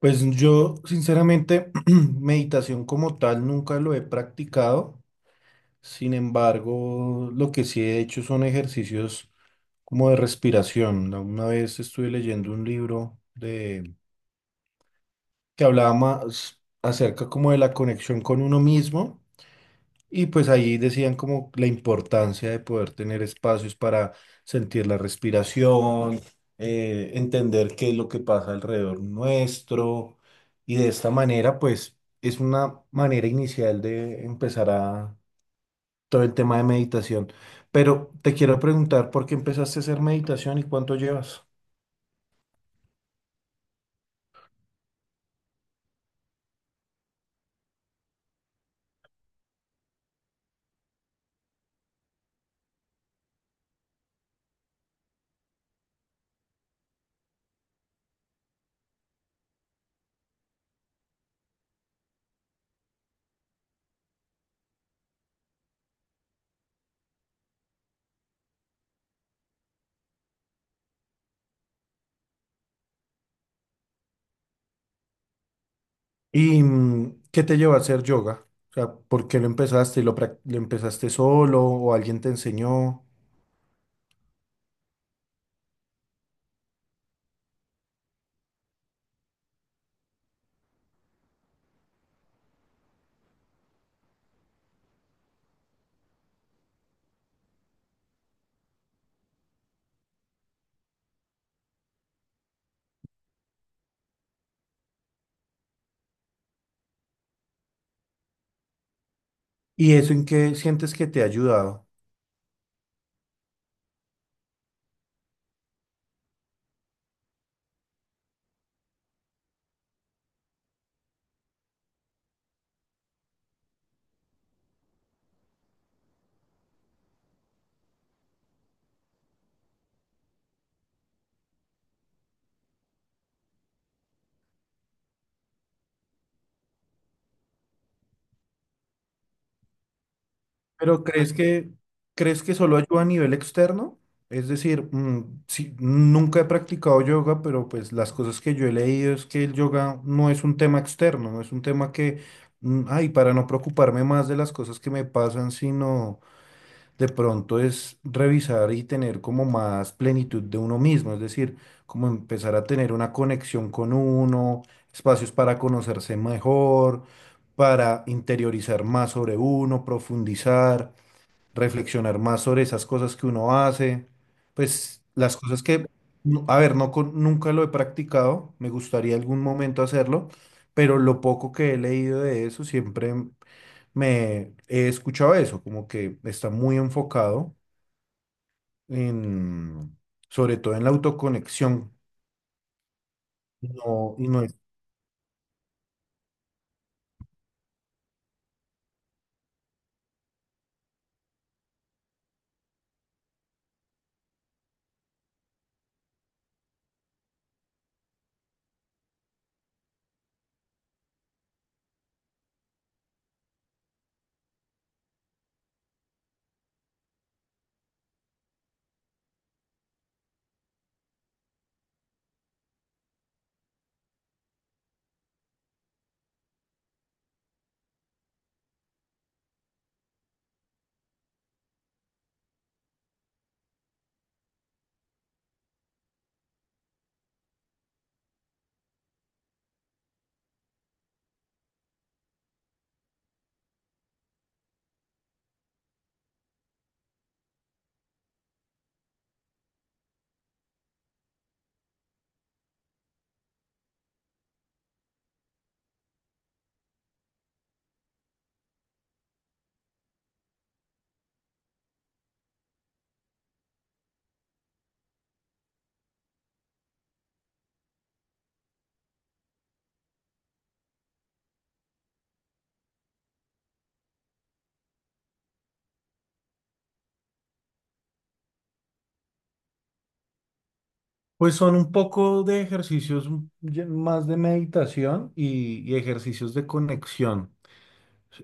Pues yo, sinceramente, meditación como tal nunca lo he practicado. Sin embargo, lo que sí he hecho son ejercicios como de respiración. Una vez estuve leyendo un libro de que hablaba más acerca como de la conexión con uno mismo, y pues ahí decían como la importancia de poder tener espacios para sentir la respiración, entender qué es lo que pasa alrededor nuestro. Y de esta manera, pues es una manera inicial de empezar a todo el tema de meditación. Pero te quiero preguntar, ¿por qué empezaste a hacer meditación y cuánto llevas? ¿Y qué te llevó a hacer yoga? O sea, ¿por qué lo empezaste? Lo empezaste solo o alguien te enseñó? ¿Y eso en qué sientes que te ha ayudado? Pero crees que solo ayuda a nivel externo? Es decir, mm, sí, nunca he practicado yoga, pero pues las cosas que yo he leído es que el yoga no es un tema externo, no es un tema mm, ay, para no preocuparme más de las cosas que me pasan, sino de pronto es revisar y tener como más plenitud de uno mismo, es decir, como empezar a tener una conexión con uno, espacios para conocerse mejor, para interiorizar más sobre uno, profundizar, reflexionar más sobre esas cosas que uno hace, pues las cosas que, no- a ver, no con- nunca lo he practicado, me gustaría algún momento hacerlo, pero lo poco que he leído de eso siempre me he escuchado eso, como que está muy enfocado en, sobre todo en la autoconexión. No, Pues son un poco de ejercicios ya más de meditación y ejercicios de conexión.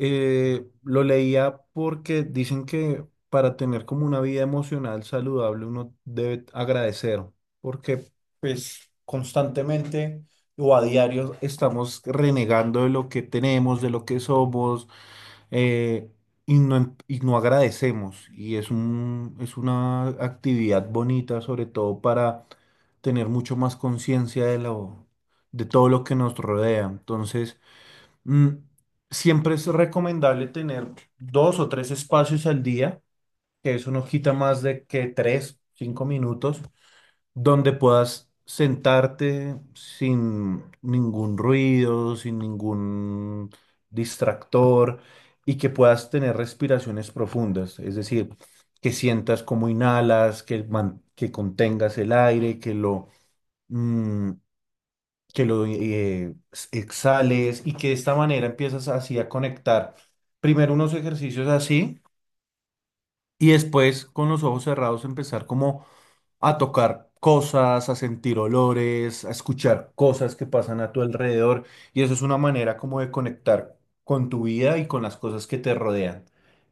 Lo leía porque dicen que para tener como una vida emocional saludable uno debe agradecer, porque pues constantemente o a diario estamos renegando de lo que tenemos, de lo que somos, eh, y no agradecemos. Y es es una actividad bonita, sobre todo para tener mucho más conciencia de todo lo que nos rodea. Entonces, mm, siempre es recomendable tener dos o tres espacios al día, que eso no quita más de que tres, cinco minutos donde puedas sentarte sin ningún ruido, sin ningún distractor, y que puedas tener respiraciones profundas, es decir, que sientas cómo inhalas, que contengas el aire, mm, que lo exhales, y que de esta manera empiezas así a conectar primero unos ejercicios así, y después con los ojos cerrados empezar como a tocar cosas, a sentir olores, a escuchar cosas que pasan a tu alrededor. Y eso es una manera como de conectar con tu vida y con las cosas que te rodean.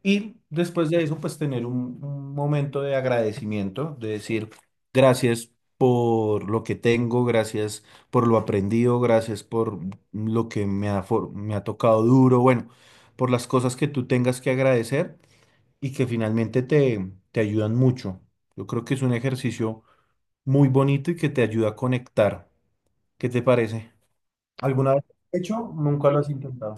Y después de eso, pues tener un momento de agradecimiento, de decir gracias por lo que tengo, gracias por lo aprendido, gracias por lo que me ha, me ha tocado duro, bueno, por las cosas que tú tengas que agradecer y que finalmente te ayudan mucho. Yo creo que es un ejercicio muy bonito y que te ayuda a conectar. ¿Qué te parece? ¿Alguna vez lo has hecho? Nunca lo has intentado.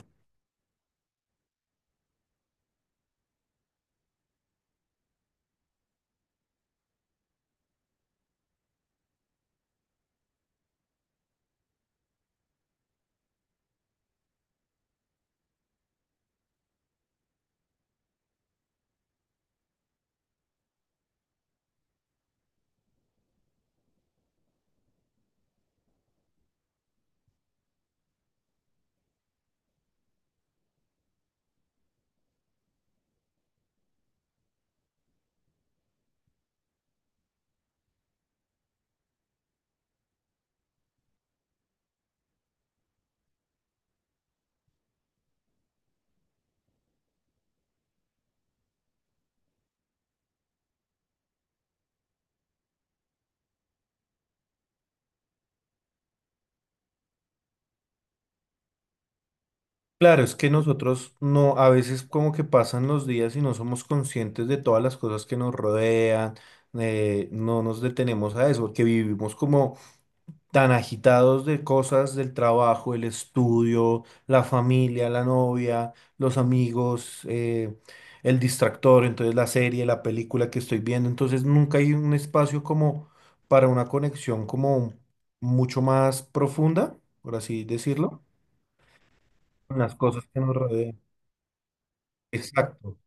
Claro, es que nosotros no, a veces como que pasan los días y no somos conscientes de todas las cosas que nos rodean, no nos detenemos a eso, porque vivimos como tan agitados de cosas del trabajo, el estudio, la familia, la novia, los amigos, el distractor, entonces la serie, la película que estoy viendo, entonces nunca hay un espacio como para una conexión como mucho más profunda, por así decirlo, con las cosas que nos rodean. Exacto.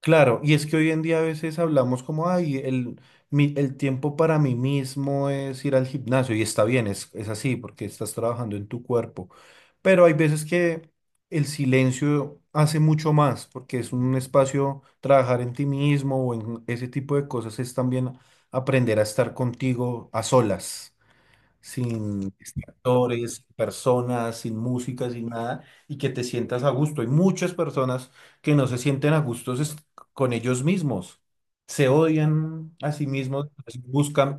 Claro, y es que hoy en día a veces hablamos como, ay, el tiempo para mí mismo es ir al gimnasio, y está bien, es así, porque estás trabajando en tu cuerpo, pero hay veces que el silencio hace mucho más, porque es un espacio, trabajar en ti mismo o en ese tipo de cosas, es también aprender a estar contigo a solas sin actores, sin personas, sin música, sin nada, y que te sientas a gusto. Hay muchas personas que no se sienten a gustos con ellos mismos, se odian a sí mismos, entonces buscan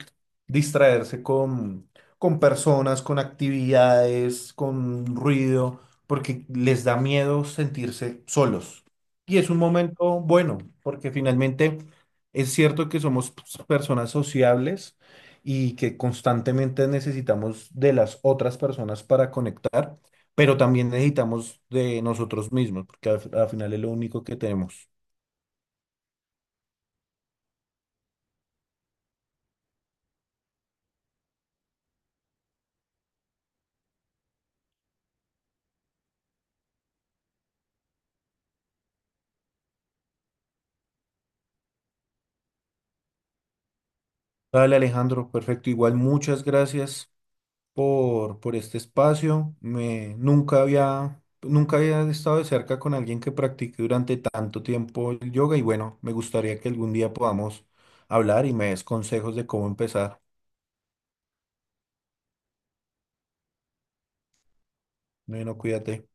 distraerse con personas, con actividades, con ruido, porque les da miedo sentirse solos. Y es un momento bueno, porque finalmente es cierto que somos pues, personas sociables y que constantemente necesitamos de las otras personas para conectar, pero también necesitamos de nosotros mismos, porque al final es lo único que tenemos. Vale, Alejandro, perfecto. Igual muchas gracias por este espacio. Nunca había estado de cerca con alguien que practique durante tanto tiempo el yoga y bueno, me gustaría que algún día podamos hablar y me des consejos de cómo empezar. Bueno, cuídate.